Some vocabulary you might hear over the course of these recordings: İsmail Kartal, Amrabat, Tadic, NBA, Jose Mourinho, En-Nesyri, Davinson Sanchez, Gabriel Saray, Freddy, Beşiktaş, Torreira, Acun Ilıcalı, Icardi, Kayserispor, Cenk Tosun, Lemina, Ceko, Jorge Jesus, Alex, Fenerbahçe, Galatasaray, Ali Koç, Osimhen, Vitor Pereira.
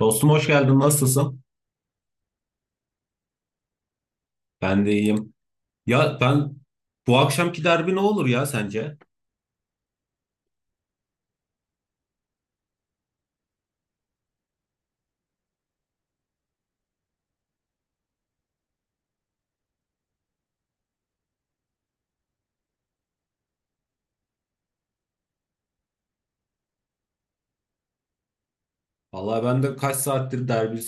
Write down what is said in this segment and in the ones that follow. Dostum hoş geldin. Nasılsın? Ben de iyiyim. Ya, bu akşamki derbi ne olur ya sence? Vallahi ben de kaç saattir derbi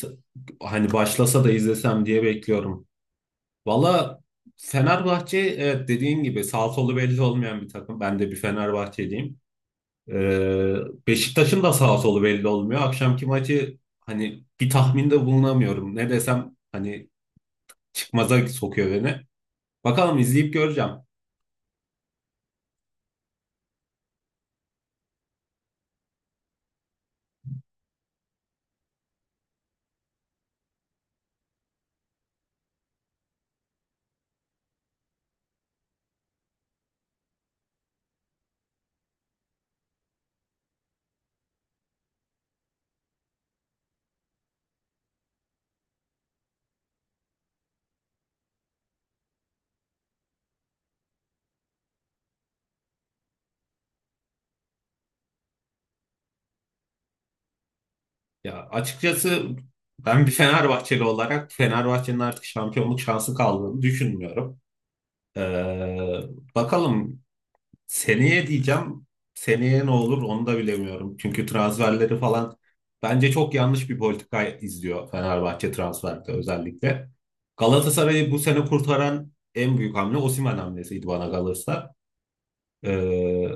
hani başlasa da izlesem diye bekliyorum. Vallahi Fenerbahçe evet dediğin gibi sağ solu belli olmayan bir takım. Ben de bir Fenerbahçeliyim. Ee, Beşiktaş'ın da sağ solu belli olmuyor. Akşamki maçı hani bir tahminde bulunamıyorum. Ne desem hani çıkmaza sokuyor beni. Bakalım izleyip göreceğim. Ya açıkçası ben bir Fenerbahçeli olarak Fenerbahçe'nin artık şampiyonluk şansı kaldığını düşünmüyorum. Ee, bakalım seneye diyeceğim. Seneye ne olur onu da bilemiyorum. Çünkü transferleri falan bence çok yanlış bir politika izliyor Fenerbahçe transferde özellikle. Galatasaray'ı bu sene kurtaran en büyük hamle Osimhen hamlesiydi bana kalırsa. Ee,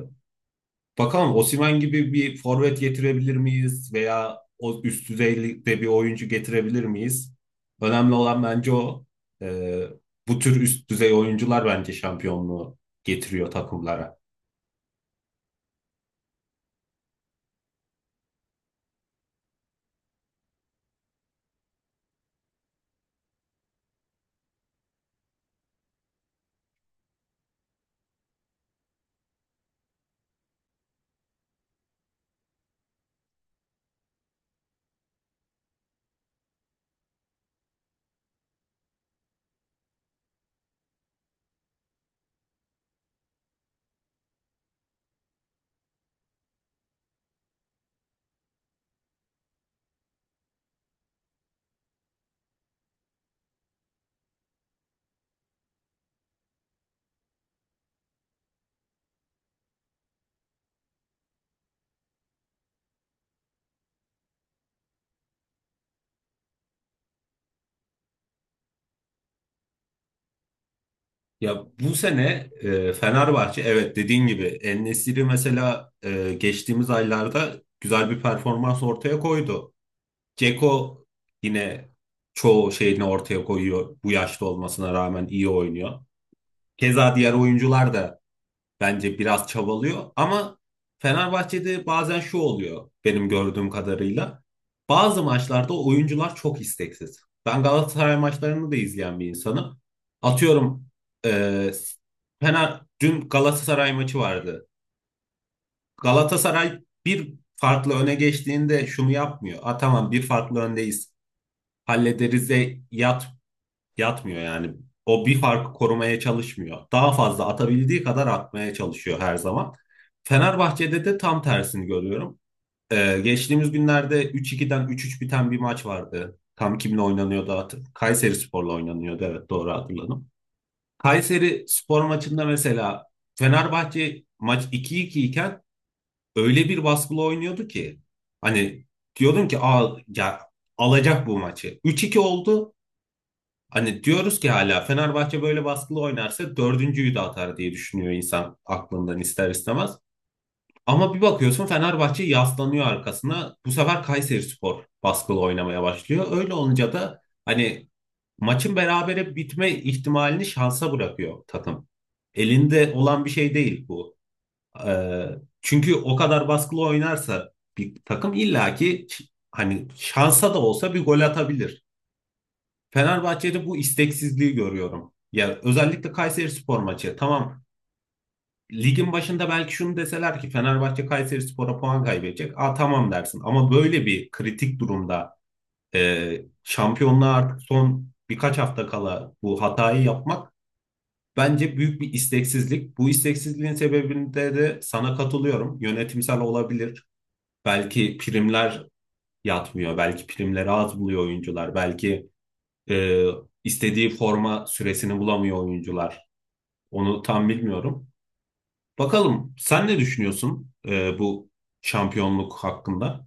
Bakalım Osimhen gibi bir forvet getirebilir miyiz veya o üst düzeyde bir oyuncu getirebilir miyiz? Önemli olan bence o. Ee, bu tür üst düzey oyuncular bence şampiyonluğu getiriyor takımlara. Ya bu sene Fenerbahçe evet dediğin gibi En-Nesyri mesela geçtiğimiz aylarda güzel bir performans ortaya koydu. Ceko yine çoğu şeyini ortaya koyuyor. Bu yaşta olmasına rağmen iyi oynuyor. Keza diğer oyuncular da bence biraz çabalıyor ama Fenerbahçe'de bazen şu oluyor benim gördüğüm kadarıyla. Bazı maçlarda oyuncular çok isteksiz. Ben Galatasaray maçlarını da izleyen bir insanım. Atıyorum eee Fener dün Galatasaray maçı vardı. Galatasaray bir farklı öne geçtiğinde şunu yapmıyor. Ha tamam bir farklı öndeyiz hallederiz'e yat, yatmıyor yani. O bir farkı korumaya çalışmıyor. Daha fazla atabildiği kadar atmaya çalışıyor her zaman. Fenerbahçe'de de tam tersini görüyorum. Geçtiğimiz günlerde 3-2'den 3-3 biten bir maç vardı. Tam kimle oynanıyordu hatır. Kayserispor'la oynanıyordu evet doğru hatırladım. Kayseri spor maçında mesela Fenerbahçe maç 2-2 iken öyle bir baskılı oynuyordu ki hani diyordum ki Aa, ya alacak bu maçı. 3-2 oldu. Hani diyoruz ki hala Fenerbahçe böyle baskılı oynarsa dördüncüyü de atar diye düşünüyor insan aklından ister istemez. Ama bir bakıyorsun Fenerbahçe yaslanıyor arkasına. Bu sefer Kayserispor baskılı oynamaya başlıyor. Öyle olunca da hani maçın berabere bitme ihtimalini şansa bırakıyor takım. Elinde olan bir şey değil bu. Ee, çünkü o kadar baskılı oynarsa bir takım illaki hani şansa da olsa bir gol atabilir. Fenerbahçe'de bu isteksizliği görüyorum. Ya özellikle Kayserispor maçı. Tamam. Ligin başında belki şunu deseler ki Fenerbahçe Kayserispor'a puan kaybedecek. Aa tamam dersin. Ama böyle bir kritik durumda şampiyonluğa artık son birkaç hafta kala bu hatayı yapmak bence büyük bir isteksizlik. Bu isteksizliğin sebebinde de sana katılıyorum. Yönetimsel olabilir. Belki primler yatmıyor. Belki primleri az buluyor oyuncular. Belki Ee, istediği forma süresini bulamıyor oyuncular. Onu tam bilmiyorum. Bakalım sen ne düşünüyorsun bu şampiyonluk hakkında?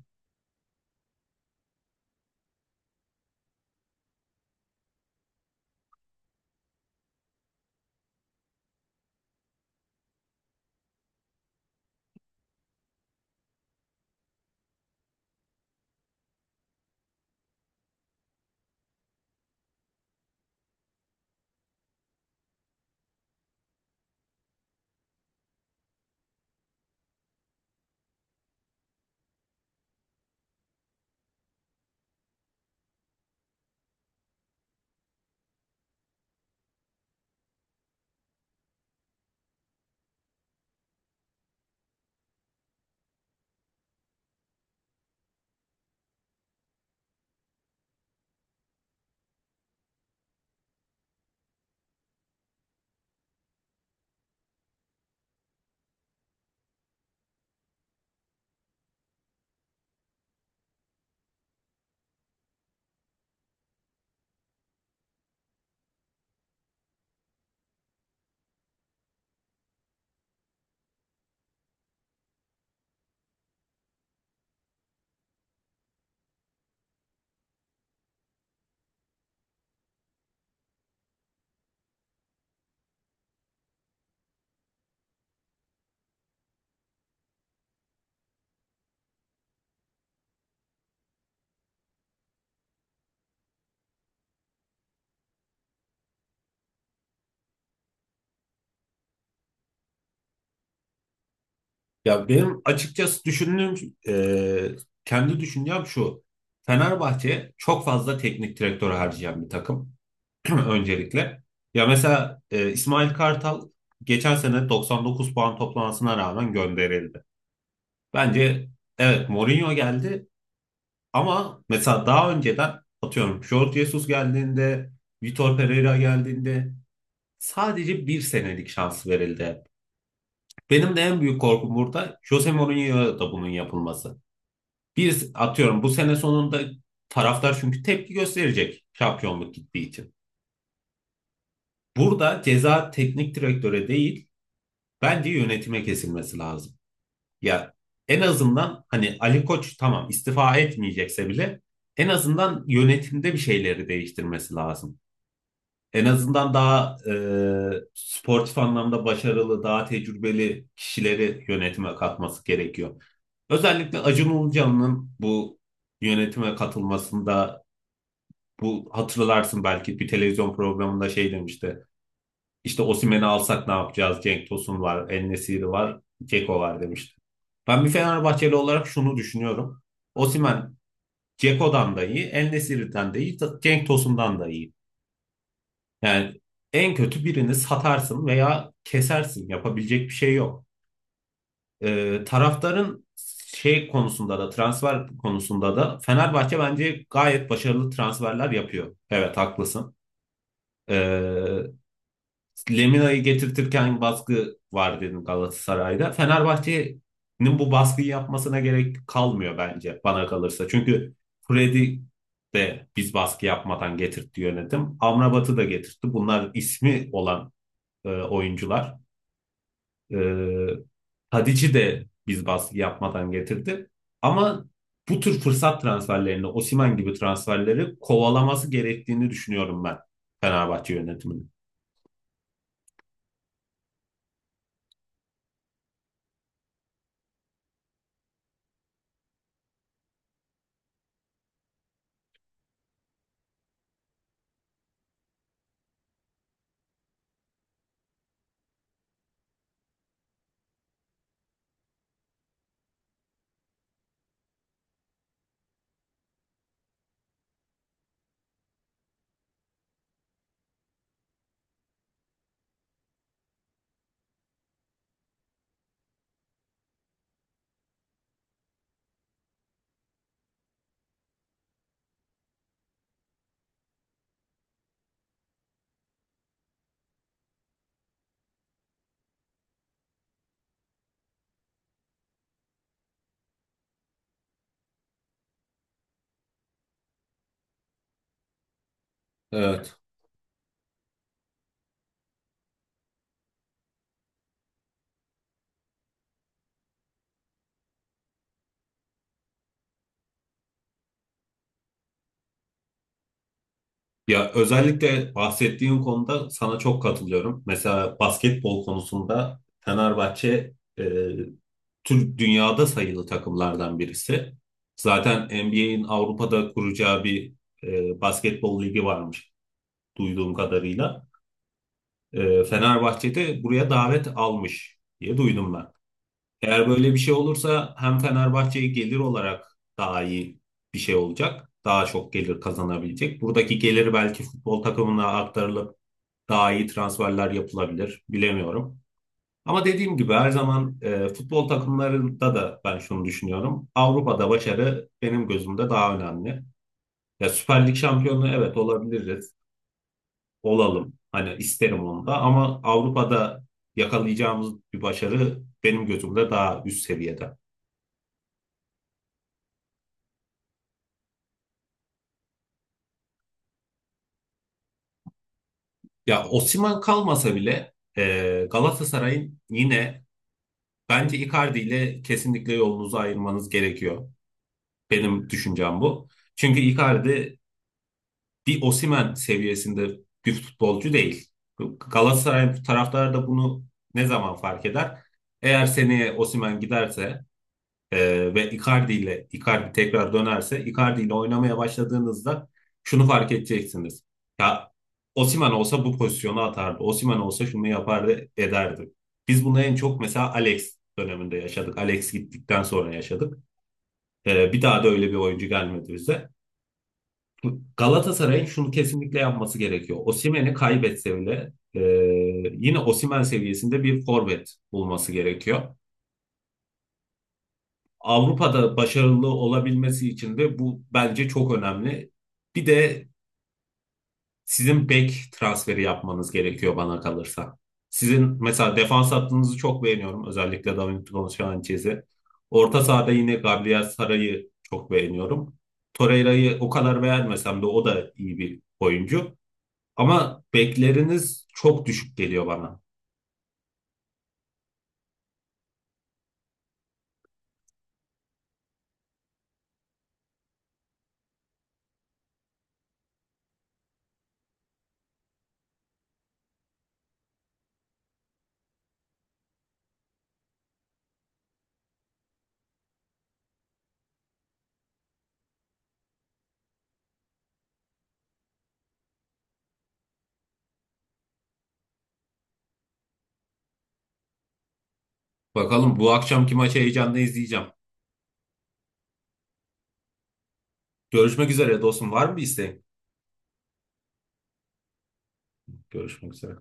Ya benim açıkçası düşündüğüm, kendi düşüncem şu. Fenerbahçe çok fazla teknik direktör harcayan bir takım. Öncelikle, ya mesela İsmail Kartal geçen sene 99 puan toplamasına rağmen gönderildi. Bence evet Mourinho geldi ama mesela daha önceden atıyorum Jorge Jesus geldiğinde, Vitor Pereira geldiğinde sadece bir senelik şans verildi hep. Benim de en büyük korkum burada Jose Mourinho'ya da bunun yapılması. Bir atıyorum bu sene sonunda taraftar çünkü tepki gösterecek şampiyonluk gittiği için. Burada ceza teknik direktöre değil bence yönetime kesilmesi lazım. Ya en azından hani Ali Koç tamam istifa etmeyecekse bile en azından yönetimde bir şeyleri değiştirmesi lazım. En azından daha sportif anlamda başarılı, daha tecrübeli kişileri yönetime katması gerekiyor. Özellikle Acun Ilıcalı'nın bu yönetime katılmasında bu hatırlarsın belki bir televizyon programında şey demişti. İşte Osimhen'i alsak ne yapacağız? Cenk Tosun var, En-Nesyri var, Ceko var demişti. Ben bir Fenerbahçeli olarak şunu düşünüyorum. Osimhen Ceko'dan da iyi, En-Nesyri'den de iyi, Cenk Tosun'dan da iyi. Yani en kötü birini satarsın veya kesersin. Yapabilecek bir şey yok. Taraftarın şey konusunda da transfer konusunda da Fenerbahçe bence gayet başarılı transferler yapıyor. Evet haklısın. Ee, Lemina'yı getirtirken baskı var dedim Galatasaray'da. Fenerbahçe'nin bu baskıyı yapmasına gerek kalmıyor bence bana kalırsa. Çünkü Freddy de biz baskı yapmadan getirtti yönetim. Amrabat'ı da getirtti. Bunlar ismi olan oyuncular. Ee, Tadic'i de biz baskı yapmadan getirdi. Ama bu tür fırsat transferlerini, Osimhen gibi transferleri kovalaması gerektiğini düşünüyorum ben Fenerbahçe yönetiminin. Evet. Ya özellikle bahsettiğim konuda sana çok katılıyorum. Mesela basketbol konusunda Fenerbahçe Türk dünyada sayılı takımlardan birisi. Zaten NBA'in Avrupa'da kuracağı bir basketbol ligi varmış duyduğum kadarıyla. E, Fenerbahçe de buraya davet almış diye duydum ben. Eğer böyle bir şey olursa hem Fenerbahçe'ye gelir olarak daha iyi bir şey olacak. Daha çok gelir kazanabilecek. Buradaki geliri belki futbol takımına aktarılıp daha iyi transferler yapılabilir. Bilemiyorum. Ama dediğim gibi her zaman futbol takımlarında da ben şunu düşünüyorum. Avrupa'da başarı benim gözümde daha önemli. Ya Süper Lig şampiyonu evet olabiliriz. Olalım. Hani isterim onu da ama Avrupa'da yakalayacağımız bir başarı benim gözümde daha üst seviyede. Ya Osimhen kalmasa bile Galatasaray'ın yine bence Icardi ile kesinlikle yolunuzu ayırmanız gerekiyor. Benim düşüncem bu. Çünkü Icardi bir Osimhen seviyesinde bir futbolcu değil. Galatasaray taraftarı da bunu ne zaman fark eder? Eğer seneye Osimhen giderse ve Icardi ile tekrar dönerse Icardi ile oynamaya başladığınızda şunu fark edeceksiniz. Ya Osimhen olsa bu pozisyonu atardı. Osimhen olsa şunu yapardı ederdi. Biz bunu en çok mesela Alex döneminde yaşadık. Alex gittikten sonra yaşadık. Bir daha da öyle bir oyuncu gelmedi bize. Galatasaray'ın şunu kesinlikle yapması gerekiyor. Osimhen'i kaybetse bile yine Osimhen seviyesinde bir forvet bulması gerekiyor. Avrupa'da başarılı olabilmesi için de bu bence çok önemli. Bir de sizin bek transferi yapmanız gerekiyor bana kalırsa. Sizin mesela defans hattınızı çok beğeniyorum. Özellikle Davinson Sanchez'i. Orta sahada yine Gabriel Saray'ı çok beğeniyorum. Torreira'yı o kadar beğenmesem de o da iyi bir oyuncu. Ama bekleriniz çok düşük geliyor bana. Bakalım bu akşamki maçı heyecanla izleyeceğim. Görüşmek üzere dostum. Var mı bir isteğin? Görüşmek üzere.